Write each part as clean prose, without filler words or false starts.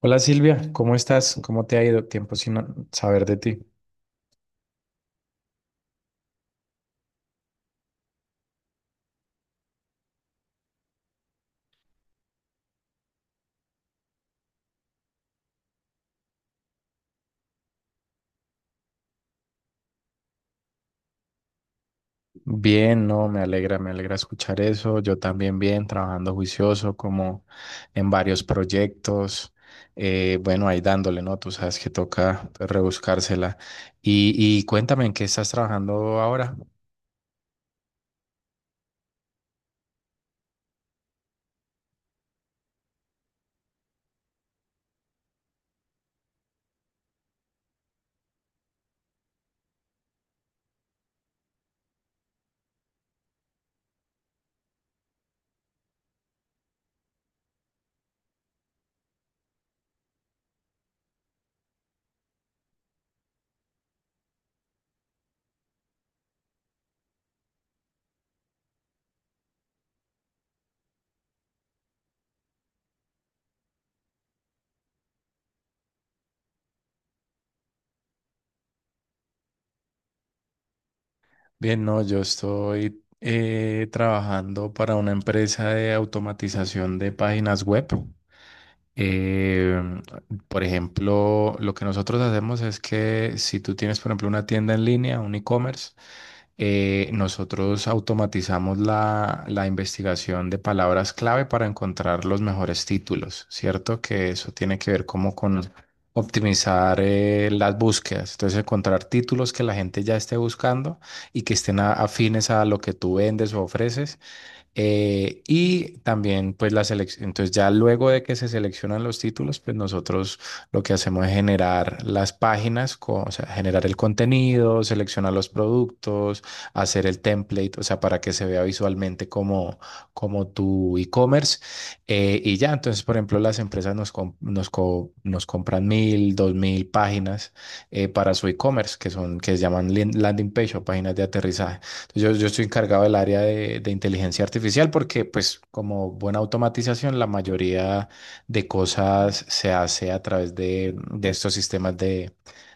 Hola Silvia, ¿cómo estás? ¿Cómo te ha ido? Tiempo sin saber de ti. Bien, no, me alegra escuchar eso. Yo también bien, trabajando juicioso, como en varios proyectos. Bueno, ahí dándole, ¿no? Tú sabes que toca, pues, rebuscársela. Y cuéntame, ¿en qué estás trabajando ahora? Bien, no, yo estoy trabajando para una empresa de automatización de páginas web. Eh, por ejemplo, lo que nosotros hacemos es que si tú tienes, por ejemplo, una tienda en línea, un e-commerce, nosotros automatizamos la investigación de palabras clave para encontrar los mejores títulos, ¿cierto? Que eso tiene que ver como con optimizar las búsquedas, entonces encontrar títulos que la gente ya esté buscando y que estén afines a lo que tú vendes o ofreces y también, pues, la selección. Entonces, ya luego de que se seleccionan los títulos, pues nosotros lo que hacemos es generar las páginas, o sea, generar el contenido, seleccionar los productos, hacer el template, o sea, para que se vea visualmente como, como tu e-commerce. Y ya, entonces, por ejemplo, las empresas nos compran mil, dos mil páginas para su e-commerce, que son, que se llaman landing page o páginas de aterrizaje. Yo estoy encargado del área de inteligencia artificial porque, pues, como buena automatización, la mayoría de cosas se hace a través de estos sistemas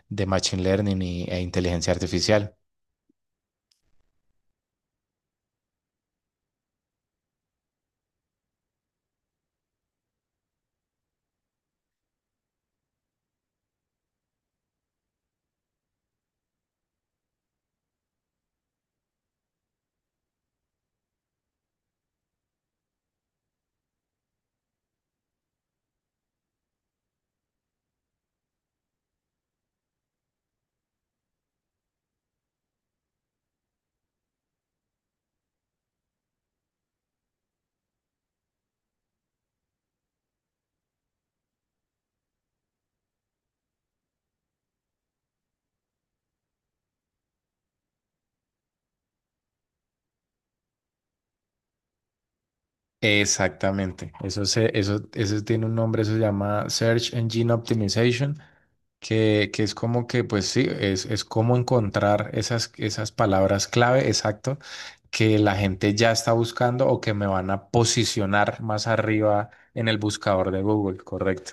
de machine learning e inteligencia artificial. Exactamente. Eso tiene un nombre, eso se llama Search Engine Optimization, que es como que, pues sí, es como encontrar esas, esas palabras clave, exacto, que la gente ya está buscando o que me van a posicionar más arriba en el buscador de Google, correcto.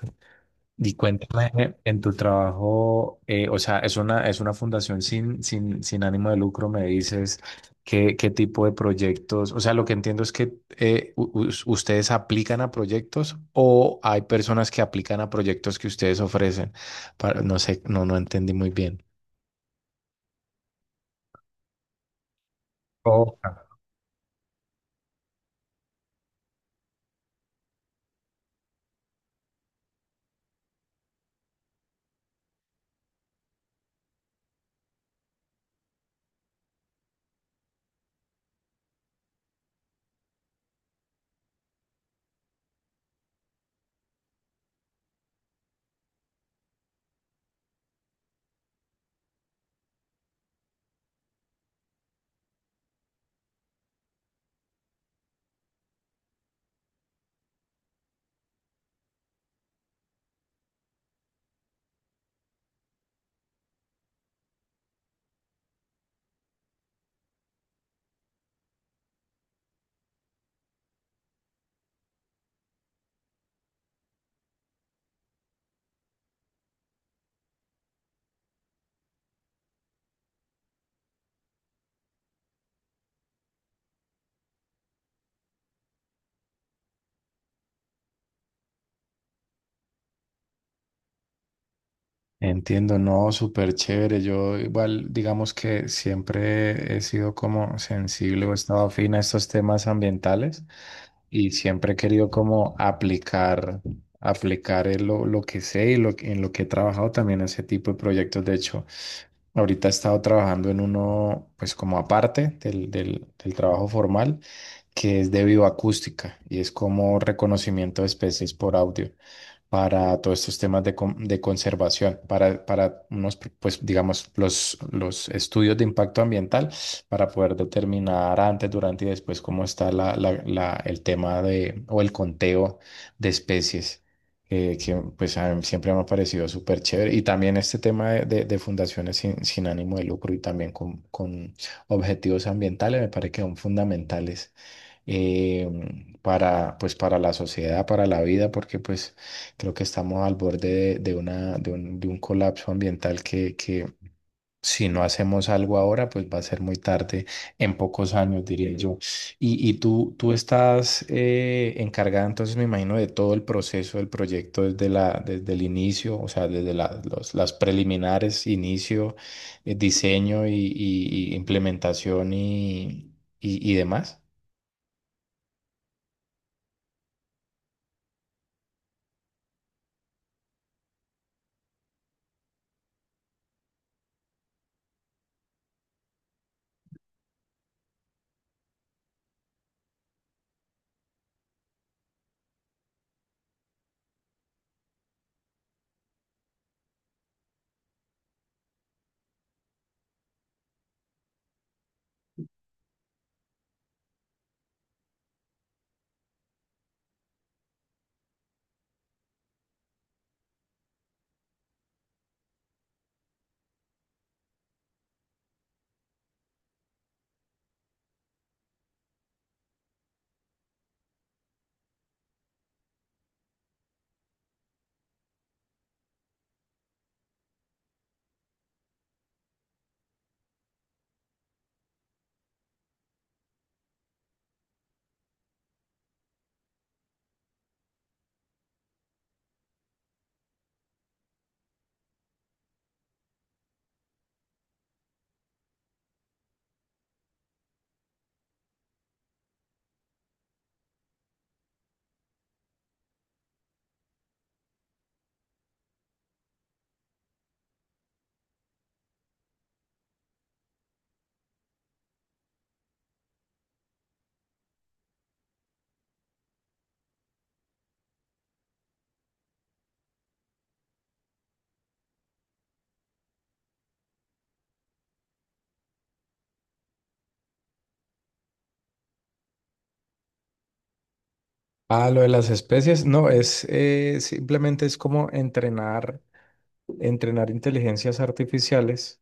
Y cuéntame en tu trabajo, o sea, es una fundación sin ánimo de lucro, me dices, ¿qué, qué tipo de proyectos? O sea, lo que entiendo es que ustedes aplican a proyectos o hay personas que aplican a proyectos que ustedes ofrecen. No sé, no, no entendí muy bien. Oh. Entiendo, no, súper chévere. Yo igual, digamos que siempre he sido como sensible o he estado afín a estos temas ambientales. Y siempre he querido como aplicar, aplicar en lo que sé y en lo que he trabajado también ese tipo de proyectos. De hecho, ahorita he estado trabajando en uno, pues como aparte del trabajo formal, que es de bioacústica y es como reconocimiento de especies por audio para todos estos temas de conservación, para unos, pues digamos, los estudios de impacto ambiental, para poder determinar antes, durante y después cómo está el tema de, o el conteo de especies. Que pues a mí siempre me ha parecido súper chévere. Y también este tema de, de fundaciones sin ánimo de lucro y también con objetivos ambientales me parece que son fundamentales, eh, para, pues, para la sociedad, para la vida, porque pues creo que estamos al borde de una, de un colapso ambiental que si no hacemos algo ahora, pues va a ser muy tarde, en pocos años, diría yo. Y tú estás encargada, entonces me imagino, de todo el proceso del proyecto desde la, desde el inicio, o sea, desde las preliminares, inicio, diseño y implementación y demás. Ah, lo de las especies, no, es simplemente es como entrenar, entrenar inteligencias artificiales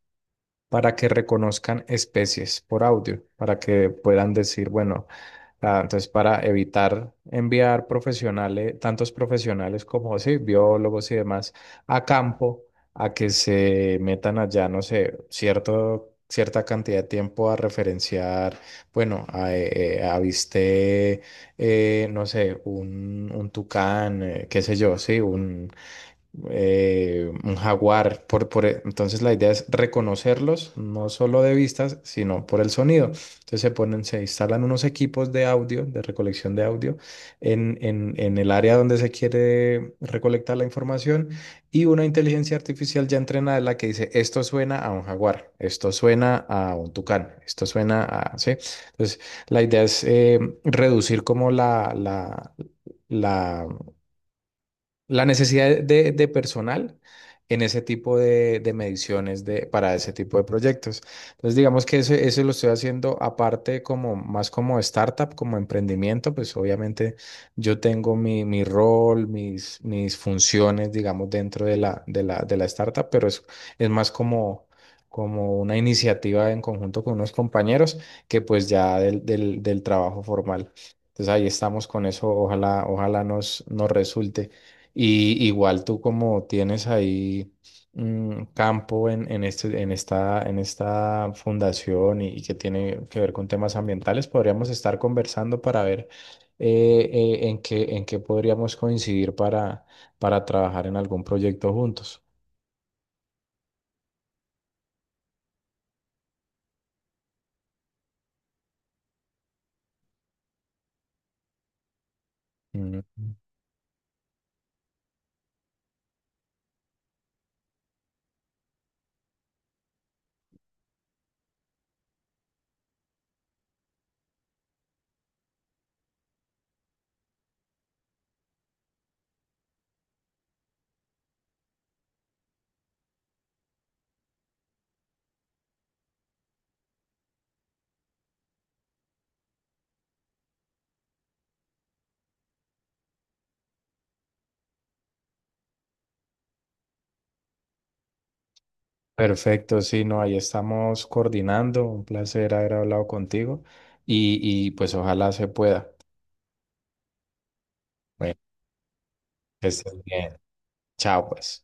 para que reconozcan especies por audio, para que puedan decir, bueno, ah, entonces para evitar enviar profesionales, tantos profesionales como sí, biólogos y demás, a campo, a que se metan allá, no sé, cierto, cierta cantidad de tiempo a referenciar, bueno, a, avisté, no sé, un tucán, qué sé yo, sí, un jaguar. Entonces la idea es reconocerlos, no solo de vistas, sino por el sonido. Entonces se ponen, se instalan unos equipos de audio, de recolección de audio, en el área donde se quiere recolectar la información y una inteligencia artificial ya entrenada es la que dice, esto suena a un jaguar, esto suena a un tucán, esto suena a... ¿sí? Entonces la idea es reducir como la... la la necesidad de personal en ese tipo de mediciones de, para ese tipo de proyectos. Entonces, digamos que eso lo estoy haciendo aparte como más como startup, como emprendimiento, pues obviamente yo tengo mi rol, mis funciones, digamos, dentro de la, de la, de la startup, pero es más como, como una iniciativa en conjunto con unos compañeros que pues ya del trabajo formal. Entonces ahí estamos con eso, ojalá, ojalá nos resulte. Y igual tú como tienes ahí un campo en esta fundación y que tiene que ver con temas ambientales, podríamos estar conversando para ver en qué podríamos coincidir para trabajar en algún proyecto juntos. Mm. Perfecto, sí, no, ahí estamos coordinando. Un placer haber hablado contigo y, y pues ojalá se pueda. Bueno, que estés bien. Chao, pues.